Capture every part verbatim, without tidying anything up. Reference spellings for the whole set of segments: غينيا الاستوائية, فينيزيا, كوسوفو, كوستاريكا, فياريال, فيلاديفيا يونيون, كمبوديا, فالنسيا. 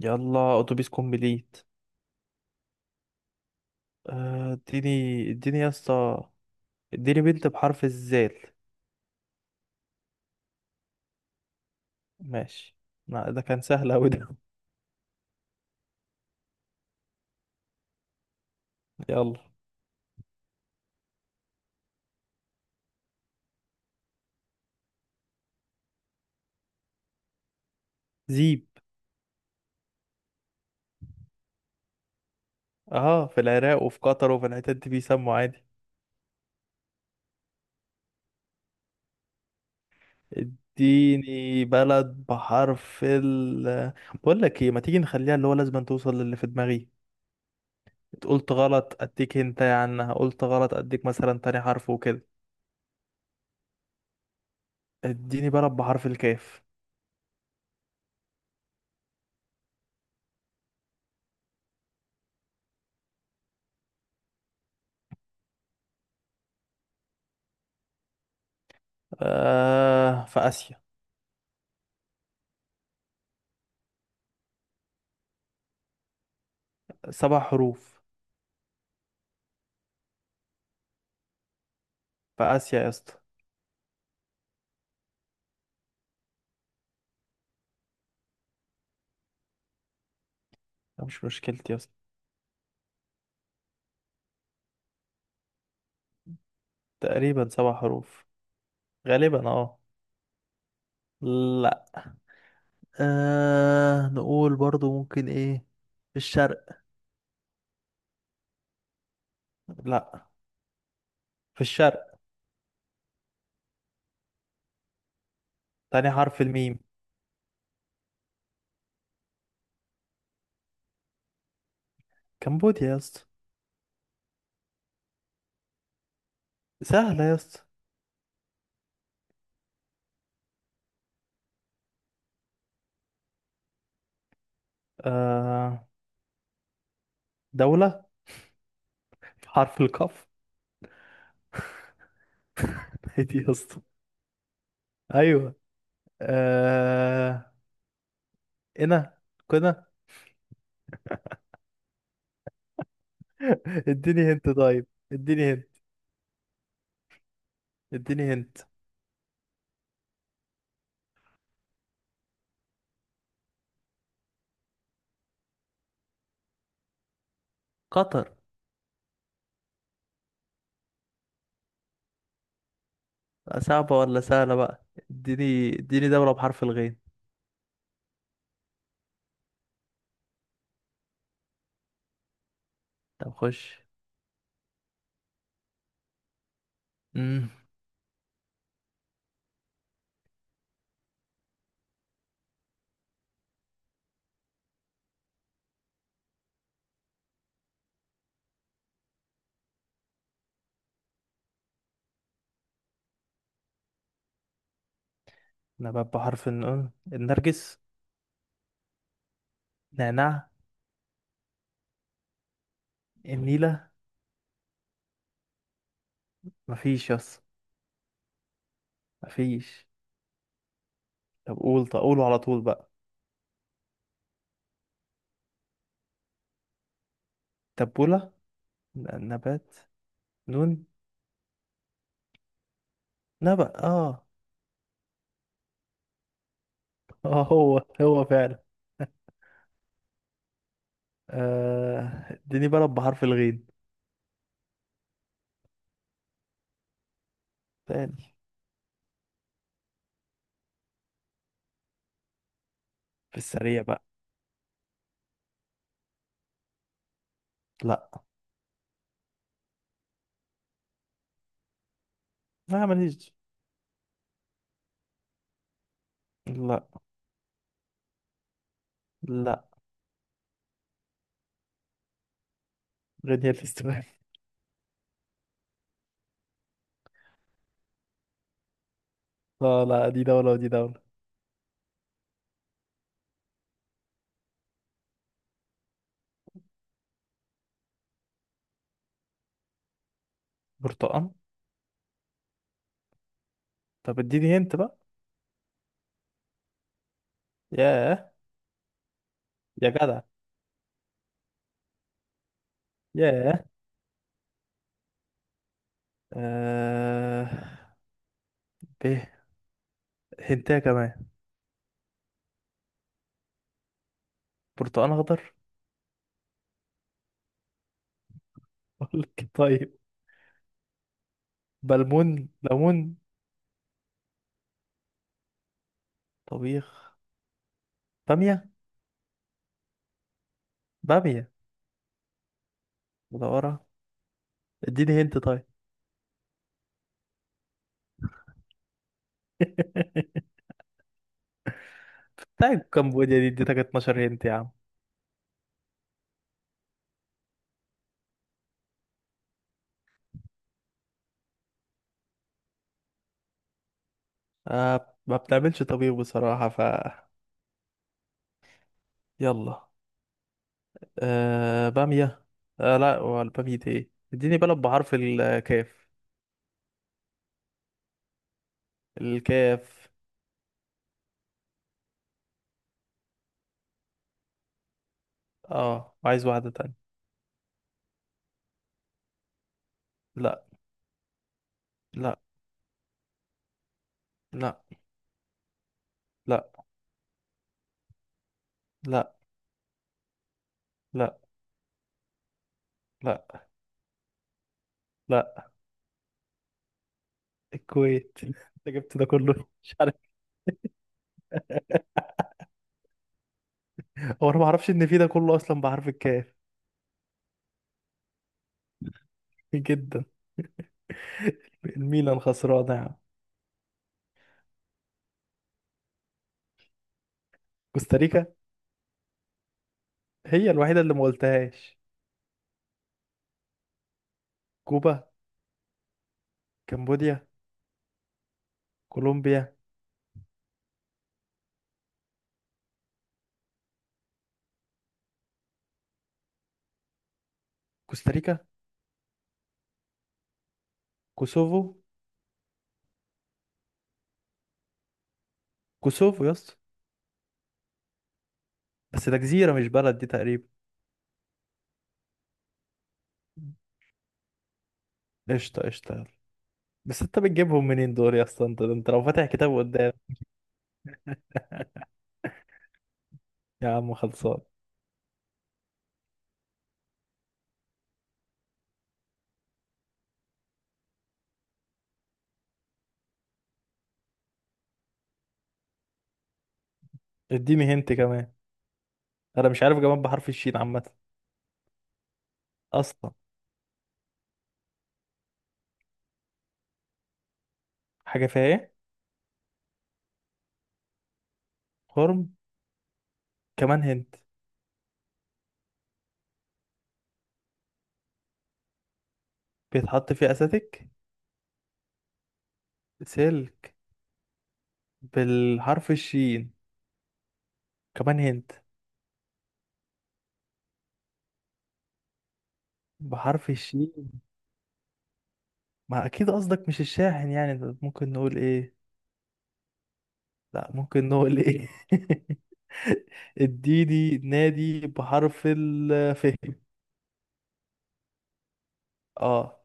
يلا اتوبيس كومبليت. آه، اديني اديني يا اسطى. اديني بنت بحرف الزال. ماشي. لا ده كان سهل اوي ده. يلا. زيب. اه، في العراق وفي قطر وفي الحتت دي بيسموا عادي. اديني بلد بحرف ال، بقول لك ايه، ما تيجي نخليها اللي هو لازم أن توصل للي في دماغي. قلت غلط اديك انت عنها، قلت غلط اديك مثلا تاني حرف وكده. اديني بلد بحرف الكاف. آه، في اسيا. سبع حروف. في اسيا يا اسطى. مش مشكلتي يا اسطى. تقريبا سبع حروف. غالبا اه. لا. آه، نقول برضو ممكن ايه. في الشرق. لا. في الشرق. تاني حرف الميم. كمبوديا يا اسطى. سهلة يا اسطى. آه. دولة. حرف القاف. إيه دي يا اسطى؟ ايوه. آه. هنا. كنا. اديني هنت طيب، اديني هنت. اديني هنت. قطر. صعبة ولا سهلة بقى؟ اديني اديني دولة بحرف الغين. طب خش. نبات بحرف النون: النرجس. نعناع. النيلة. مفيش يس. مفيش. طب قول، طب قوله على طول بقى. تبولة. ن- نبات. نون. نبأ، اه. اه، هو هو فعلا. آه، اديني بلد بحرف الغين تاني. في السريع بقى. لا. لا، ماليش. لا. لا، غينيا الاستوائية. لا لا، دي دولة ودي دولة. برتقال. طب اديني هنت بقى. ياه. يا جدع. ياه. آه. ب. هنتايه كمان. برتقال اخضر. اقول لك طيب. بلمون، ليمون. طبيخ. باميه. باميه. مدوره. اديني هنت طيب. بتاع كمبوديا دي اديتك اتناشر هنت يا عم. آه، ما بنعملش طبيخ بصراحه ف. يلا. آه، باميه. آه لا، والباميه دي ايه، اديني بلد بحرف الكاف. الكاف. اه، عايز واحده تانية. لا. لا. لا. لا. لا. لا. لا. لا. الكويت. انت جبت ده كله؟ هو انا ما اعرفش ان في ده كله اصلا بحرف الكاف. جدا. الميلان خسرانه يا عم. كوستاريكا هي الوحيده اللي ما قلتهاش. كوبا. كمبوديا. كولومبيا. كوستاريكا. كوسوفو. كوسوفو يا اسطى. بس ده جزيره مش بلد دي تقريبا. قشطه قشطه، يلا. بس انت بتجيبهم منين دول يا اسطى، انت انت لو فاتح كتاب قدام. يا عم خلصان. اديني هنت كمان. انا مش عارف كمان بحرف الشين عامه. اصلا. حاجه فيها ايه؟ هرم. كمان هنت. بيتحط فيه اساتيك. سلك. بالحرف الشين. كمان هنت. بحرف الشين. ما اكيد قصدك مش الشاحن، يعني ده ممكن نقول ايه. لا، ممكن نقول ايه. اديني نادي بحرف الف. اه.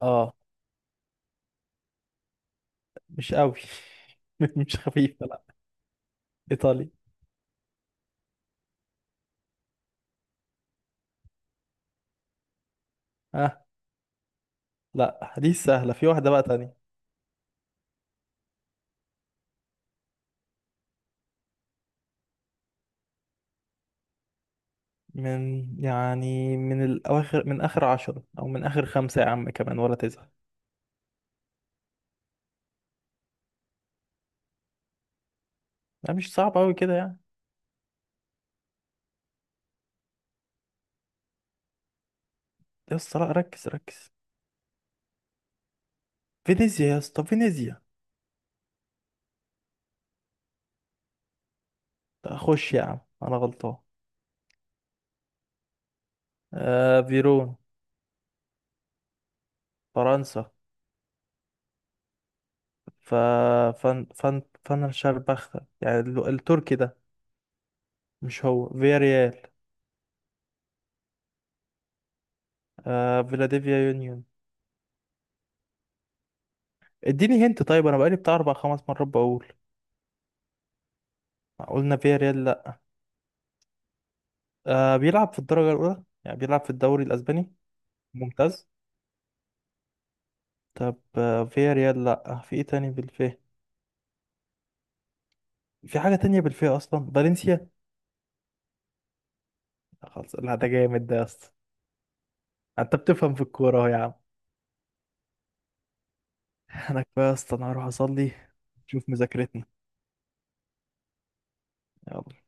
اه. مش قوي. مش خفيفة، لا. ايطالي. اه. لا دي سهلة، في واحدة بقى تانية. من يعني من الاواخر، من اخر عشرة او من اخر خمسة يا عم كمان ولا تزعل. لا مش صعب قوي كده يعني. يا اسطى لا، ركز ركز. فينيزيا يا اسطى، فينيزيا. خش يا عم انا غلطان. آه، فيرون. فرنسا. ف. فن فن فن شربختة، يعني ال- التركي ده. مش هو فياريال. آه، فيلاديفيا يونيون. اديني هنت طيب، انا بقالي بتاع اربع خمس مرات بقول. قلنا فياريال، لا. آه، بيلعب في الدرجة الاولى يعني، بيلعب في الدوري الاسباني. ممتاز. طب آه فياريال، لا. آه، في ايه تاني بالفيه؟ في حاجة تانية بالفيه اصلا: فالنسيا. خلاص لا، ده جامد ده يا اسطى. انت بتفهم في الكورة اهو يا عم. انا كفايه يا اسطى، انا هروح اصلي. شوف مذاكرتنا. يلا